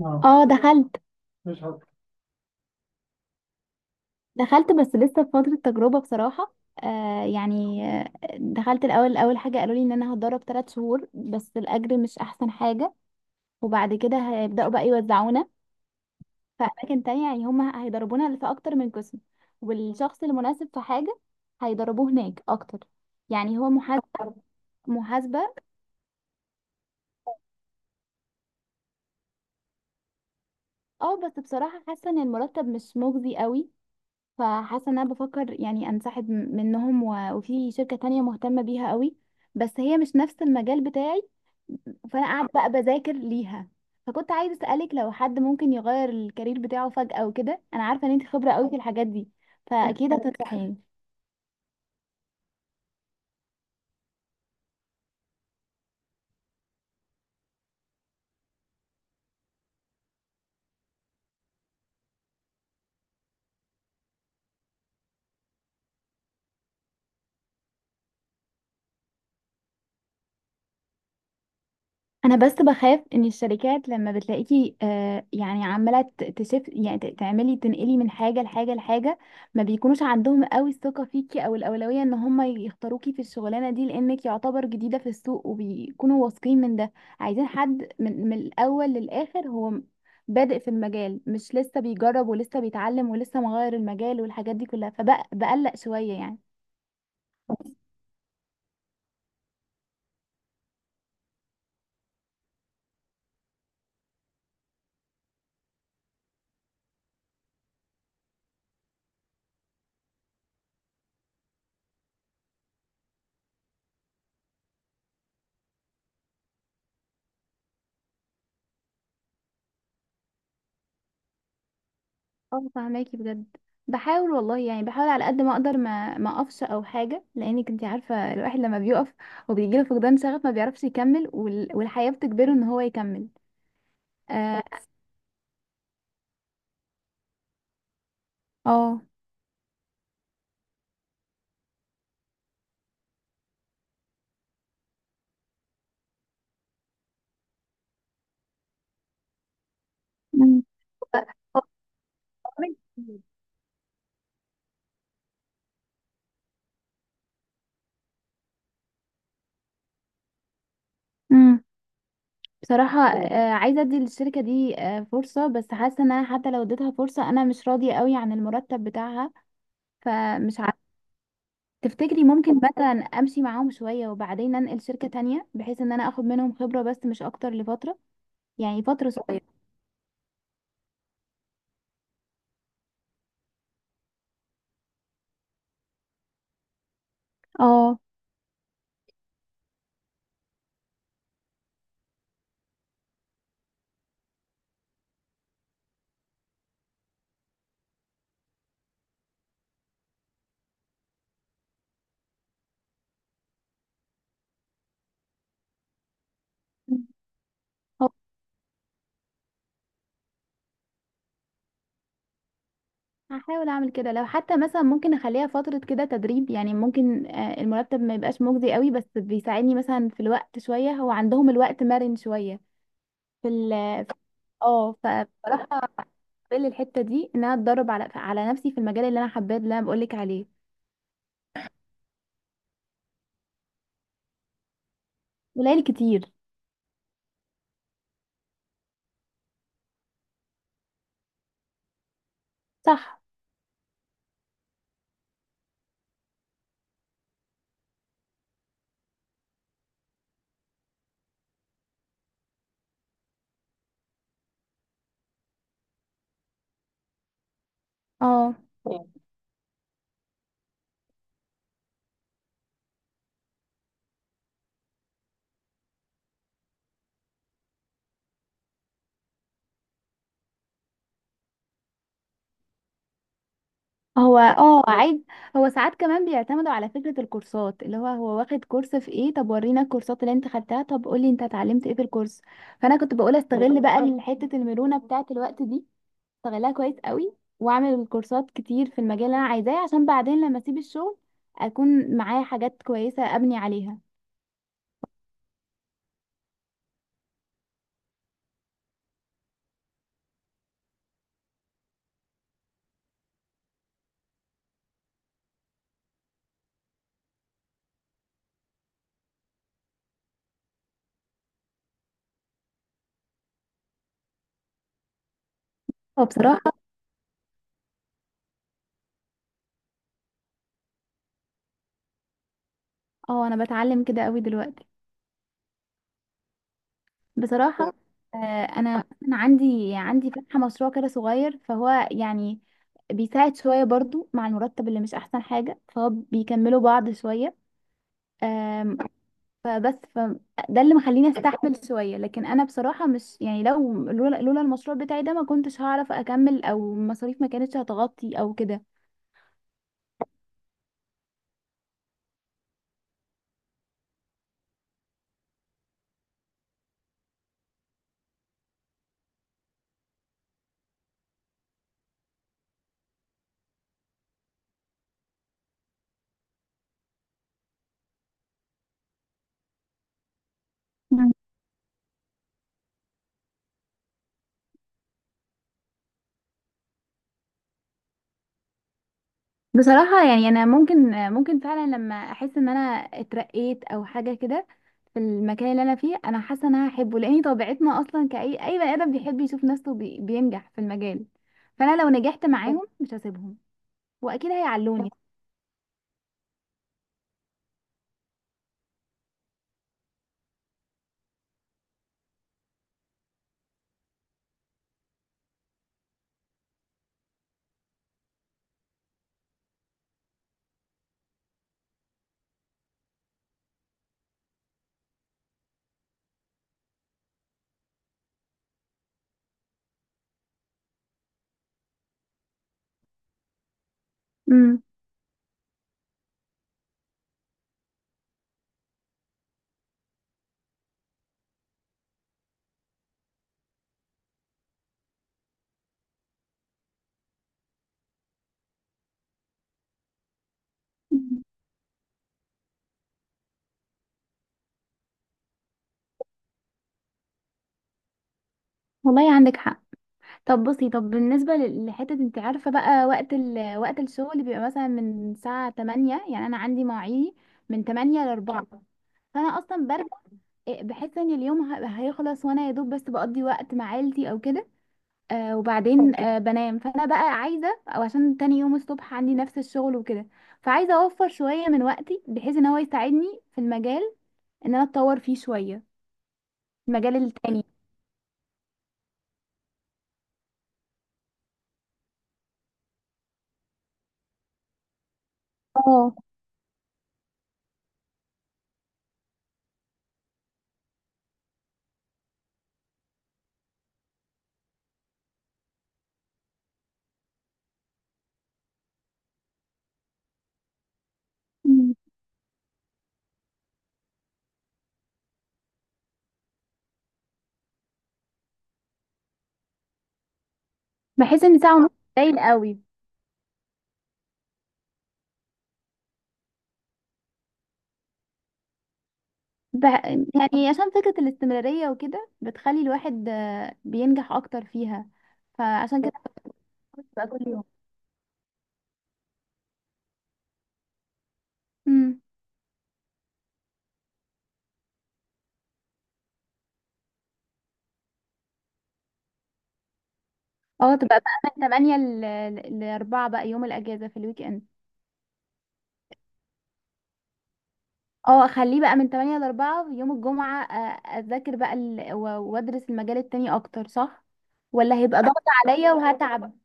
اه اه دخلت. مش حاضر. دخلت بس لسه في فترة تجربة بصراحة. آه يعني آه، دخلت الأول. أول حاجة قالوا لي إن أنا هتدرب 3 شهور بس الأجر مش أحسن حاجة. وبعد كده هيبدأوا بقى يوزعونا في أماكن تانية، يعني هما هيدربونا في أكتر من قسم، والشخص المناسب في حاجة هيدربوه هناك أكتر، يعني هو محاسبة. محاسبة. اه بس بصراحة حاسة إن المرتب مش مجزي قوي، فحاسه ان انا بفكر يعني انسحب منهم وفي شركه تانية مهتمه بيها قوي، بس هي مش نفس المجال بتاعي، فانا قاعده بقى بذاكر ليها. فكنت عايزه اسالك لو حد ممكن يغير الكارير بتاعه فجاه وكده، انا عارفه ان انت خبره قوي في الحاجات دي، فاكيد هتنصحيني. انا بس بخاف ان الشركات لما بتلاقيكي آه يعني عماله تشف، يعني تعملي تنقلي من حاجه لحاجه لحاجه، ما بيكونوش عندهم قوي الثقه فيكي او الاولويه ان هم يختاروكي في الشغلانه دي، لانك يعتبر جديده في السوق وبيكونوا واثقين من ده. عايزين حد من الاول للاخر، هو بادئ في المجال، مش لسه بيجرب ولسه بيتعلم ولسه مغير المجال والحاجات دي كلها، فبقلق شويه يعني. اه فهماكي بجد. بحاول والله يعني، بحاول على قد ما اقدر ما اقفش او حاجه، لانك انت عارفه الواحد لما بيقف وبيجي له فقدان شغف ما بيعرفش يكمل، والحياه بتجبره ان هو يكمل. اه. آه. مم. هو عمري كتير. مم. بصراحة آه، عايزة ادي للشركة دي آه، فرصة، بس حاسة ان انا حتى لو اديتها فرصة انا مش راضية قوي عن المرتب بتاعها، فمش عارفة. تفتكري ممكن مثلا امشي معاهم شوية وبعدين انقل شركة تانية، بحيث ان انا اخد منهم خبرة بس مش اكتر لفترة، يعني فترة صغيرة. اه هو هحاول اعمل كده، لو حتى مثلا ممكن اخليها فترة كده تدريب يعني، ممكن آه، المرتب ما يبقاش مجزي قوي بس بيساعدني مثلا في الوقت شوية، هو عندهم الوقت مرن شوية في ال. اه فبصراحة بقبل الحتة دي ان انا اتدرب على نفسي في المجال اللي انا حباه اللي انا بقولك عليه. قليل كتير. صح. اه هو اه عيب. هو ساعات كمان بيعتمدوا على فكرة الكورسات، اللي هو هو واخد كورس في ايه، طب ورينا الكورسات اللي انت خدتها، طب قولي انت اتعلمت ايه في الكورس. فانا كنت بقول استغل بقى حتة المرونة بتاعة الوقت دي، استغلها كويس قوي واعمل كورسات كتير في المجال اللي انا عايزاه، عشان بعدين لما اسيب الشغل اكون معايا حاجات كويسة ابني عليها. فبصراحة اه انا بتعلم كده قوي دلوقتي. بصراحة آه، أنا عندي فاتحة مشروع كده صغير، فهو يعني بيساعد شوية برضو مع المرتب اللي مش أحسن حاجة، فهو بيكملوا بعض شوية. آم، فبس ف ده اللي مخليني أستحمل شوية، لكن أنا بصراحة مش يعني لو لولا لولا المشروع بتاعي ده ما كنتش هعرف أكمل أو المصاريف ما كانتش هتغطي أو كده. بصراحة يعني أنا ممكن فعلا لما أحس إن أنا اترقيت أو حاجة كده في المكان اللي أنا فيه، أنا حاسة إن أنا هحبه، لأن طبيعتنا أصلا كأي بني آدم بيحب يشوف نفسه بينجح في المجال. فأنا لو نجحت معاهم مش هسيبهم، وأكيد هيعلوني. امم. والله عندك حق. طب بصي، طب بالنسبة لحتة أنت عارفة بقى وقت وقت الشغل بيبقى مثلا من الساعة 8، يعني أنا عندي مواعيدي من 8 ل 4. فأنا أصلا برجع إيه، بحس ان اليوم هيخلص وانا يا دوب بس بقضي وقت مع عيلتي او كده. آه وبعدين اوكي آه بنام، فانا بقى عايزه او عشان تاني يوم الصبح عندي نفس الشغل وكده، فعايزه اوفر شويه من وقتي بحيث ان هو يساعدني في المجال، ان انا اتطور فيه شويه. المجال التاني. اه. مم. بحس ان ساعه ونص قليل قوي. ب... يعني عشان فكره الاستمراريه وكده بتخلي الواحد آه، بينجح اكتر فيها، فعشان كده بتبقى كل يوم. اه تبقى بقى من 8 ل 4، بقى يوم الاجازه في الويك اند. اه اخليه بقى من 8 ل 4 يوم الجمعه، آه، اذاكر بقى وادرس المجال التاني اكتر، صح؟ ولا هيبقى ضغط عليا وهتعب.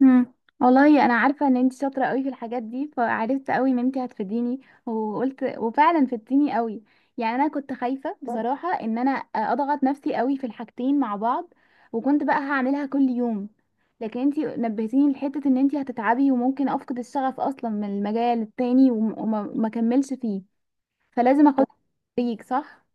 مم. والله انا عارفه ان انت شاطره قوي في الحاجات دي، فعرفت قوي ان انت هتفيديني، وقلت وفعلا فدتيني قوي. يعني انا كنت خايفه بصراحه ان انا اضغط نفسي قوي في الحاجتين مع بعض، وكنت بقى هعملها كل يوم، لكن انت نبهتيني لحته ان انت هتتعبي وممكن افقد الشغف اصلا من المجال التاني وما ما اكملش فيه، فلازم اخد بريك صح.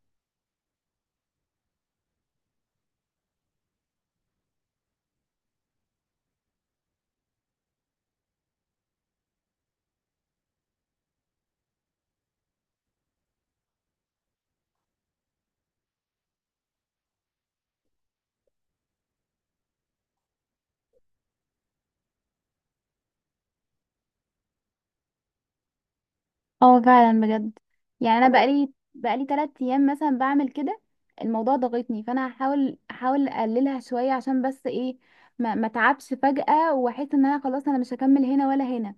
اه فعلا بجد. يعني انا بقالي تلات ايام مثلا بعمل كده، الموضوع ضاغطني، فانا احاول اقللها شويه، عشان بس ايه ما اتعبش فجاه واحس ان انا خلاص انا مش هكمل هنا ولا هنا.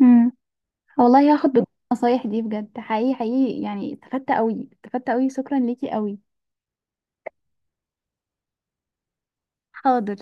امم. والله هاخد النصايح دي بجد حقيقي حقيقي، يعني استفدت قوي استفدت قوي، شكرا ليكي قوي. حاضر.